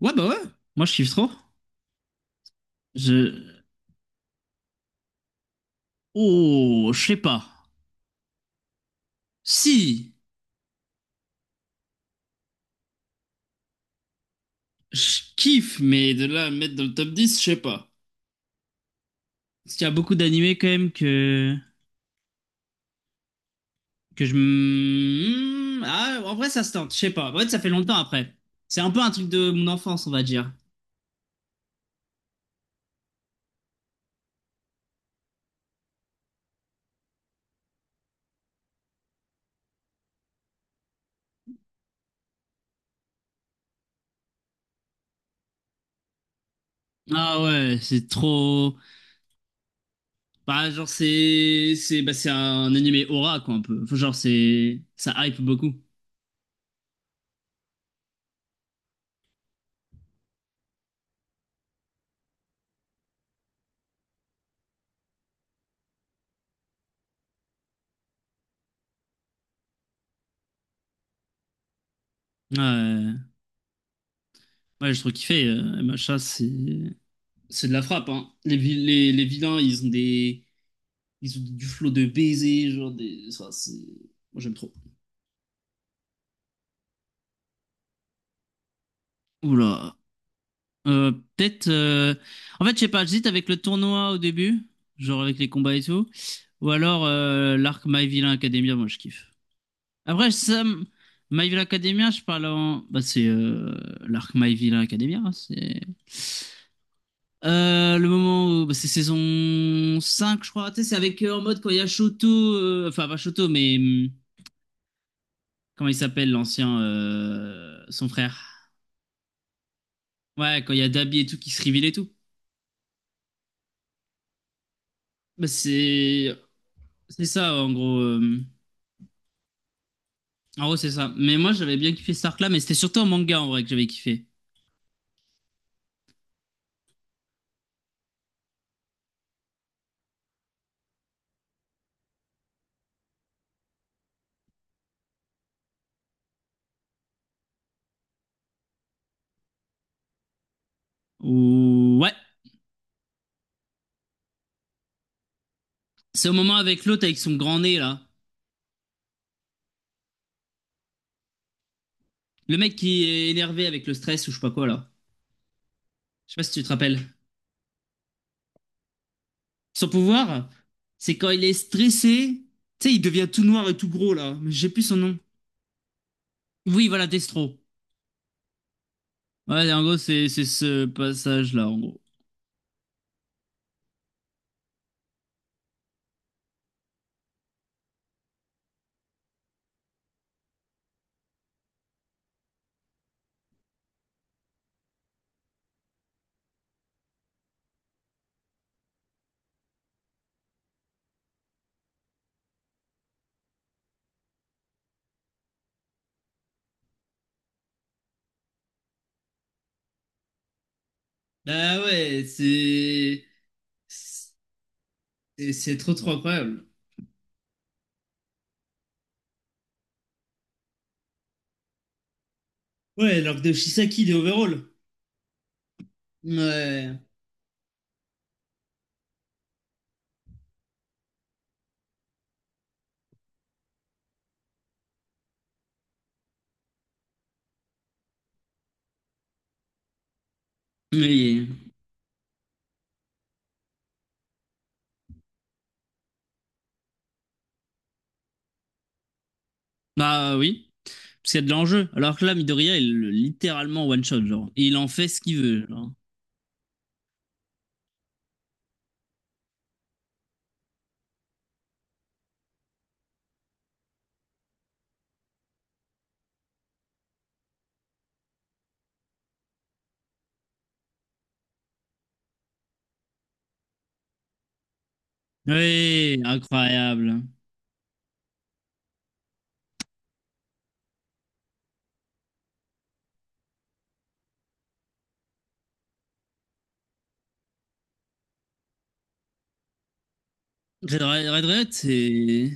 Ouais, bah ouais. Moi, je kiffe trop. Je. Oh, je sais pas. Si, je kiffe, mais de là à me mettre dans le top 10 je sais pas. Parce qu'il y a beaucoup d'animés quand même que. Que je. M- hmm, Ah, en vrai, ça se tente, je sais pas. En fait, ça fait longtemps après. C'est un peu un truc de mon enfance, on va dire. Ah ouais, c'est trop. Bah, genre, c'est un animé aura, quoi, un peu. Enfin, genre, c'est. Ça hype beaucoup. Ouais, ouais, j'ai trop kiffé. MHA, c'est de la frappe, hein. Les vilains, ils ont des. Ils ont du flot de baisers, Moi j'aime trop. Oula. Peut-être. En fait, je sais pas, j'hésite avec le tournoi au début, genre avec les combats et tout. Ou alors l'arc My Villain Academia, moi je kiffe. Après, My Villain Academia, je parle en. Bah, c'est l'arc My Villain Academia, hein. C'est. Le moment où bah, c'est saison 5 je crois. Tu sais, c'est avec en mode quand il y a Shoto, enfin pas Shoto, mais comment il s'appelle l'ancien, son frère. Ouais, quand il y a Dabi et tout qui se révèle et tout. Bah, c'est ça en gros. En gros, c'est ça. Mais moi, j'avais bien kiffé cet arc-là, mais c'était surtout en manga en vrai que j'avais kiffé. Ou ouais, c'est au moment avec l'autre avec son grand nez là, le mec qui est énervé avec le stress ou je sais pas quoi là. Je sais pas si tu te rappelles. Son pouvoir, c'est quand il est stressé, tu sais, il devient tout noir et tout gros là. Mais j'ai plus son nom. Oui, voilà, Destro. Ouais, en gros, c'est ce passage-là, en gros. Ah ouais, c'est c'est trop trop incroyable. Ouais, l'arc de Shisaki de Overall. Ouais. Mais... Bah oui, parce qu'il y a de l'enjeu. Alors que là, Midoriya, littéralement one-shot, genre. Il en fait ce qu'il veut, genre. Oui, incroyable. Red, c'est...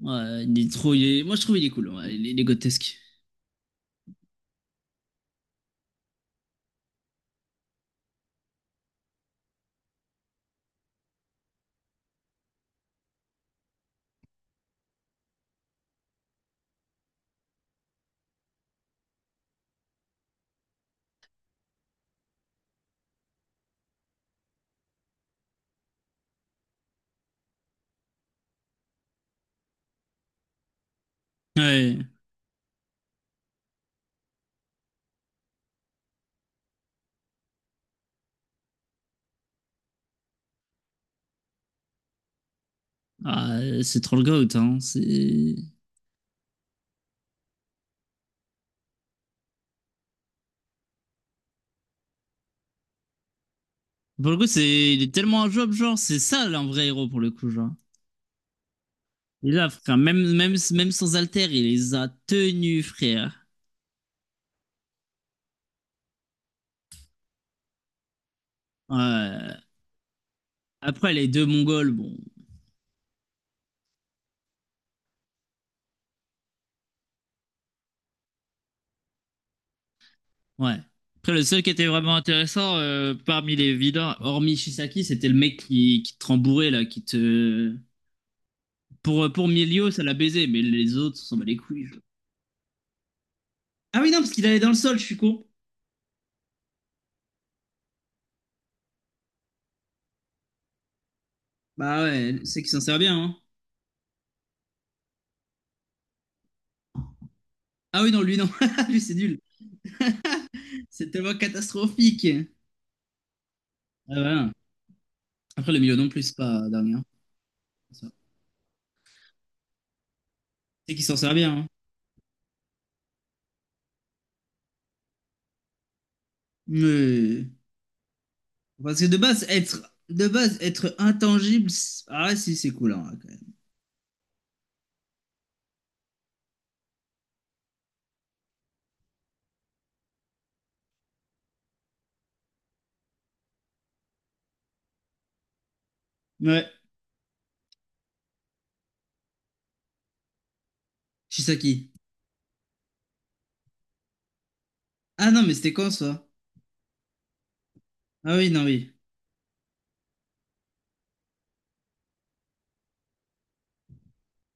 Ouais, il est trop. Moi, je trouve il est cool. Ouais, il est grotesque. Ouais. Ah, c'est trop le goat, hein. C'est. Pour le coup, c'est. Il est tellement un job, genre. C'est ça, là, un vrai héros, pour le coup, genre. Et là, frère, même, même, même sans alter, il les a tenus, frère. Ouais. Après, les deux Mongols, bon. Ouais. Après, le seul qui était vraiment intéressant parmi les vilains, hormis Shisaki, c'était le mec qui te rembourrait, là, qui te. Pour milio ça l'a baisé, mais les autres, on s'en bat les couilles, genre. Ah oui, non, parce qu'il allait dans le sol, je suis con. Bah ouais, c'est qu'il s'en sert bien, hein. Ah oui, non, lui, non. Lui, c'est nul. C'est tellement catastrophique. Ah voilà. Après, le milieu non plus, c'est pas dernier, hein. Ça. C'est qu'il s'en sert bien, hein. Mais... Parce que de base, être... De base, être intangible... Ah ouais, si, c'est cool, hein, quand même. Ouais. Shisaki. Ah non, mais c'était quand, ça? Ah oui, non, oui.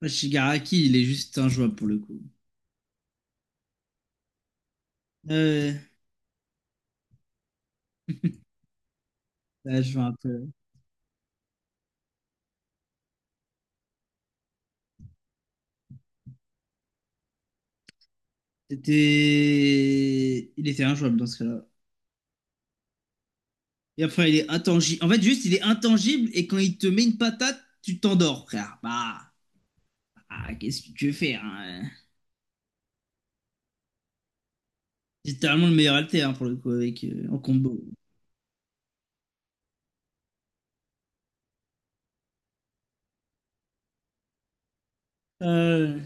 Ouais, Shigaraki, il est juste injouable, pour le coup. Euh... Là, je vois un peu. C'était... Il était injouable, dans ce cas-là. Et après, il est intangible. En fait, juste, il est intangible et quand il te met une patate, tu t'endors, frère. Bah, ah, qu'est-ce que tu veux faire , hein. C'est littéralement le meilleur alter, hein, pour le coup avec en combo. Euh,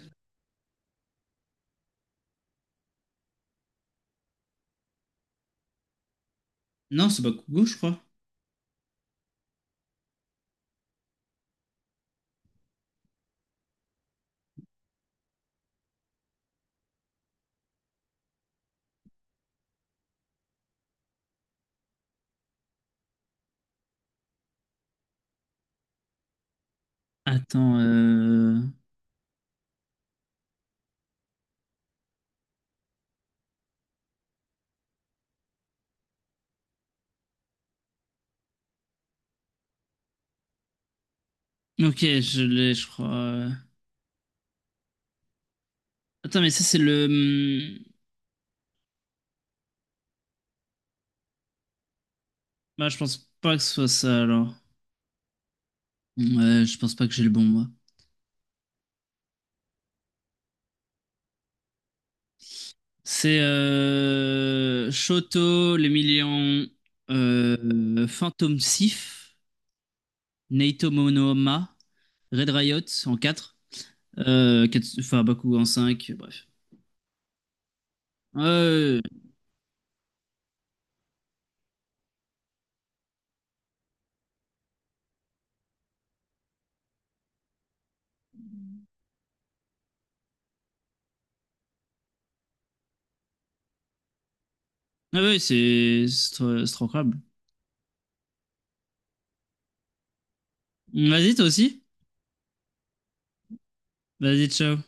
Non, c'est Bakugo, je crois. Attends, Ok, je l'ai, je crois. Attends, mais ça, c'est le... Bah, je pense pas que ce soit ça, alors. Ouais, je pense pas que j'ai le bon, moi. C'est Shoto, les millions... Phantom Sif. Naito Monohama, Red Riot en 4, Farabaku en 5, bref. Ah ouais, ouais, ouais. Ah ouais, c'est trop incroyable. Vas-y, toi aussi. Vas-y, ciao.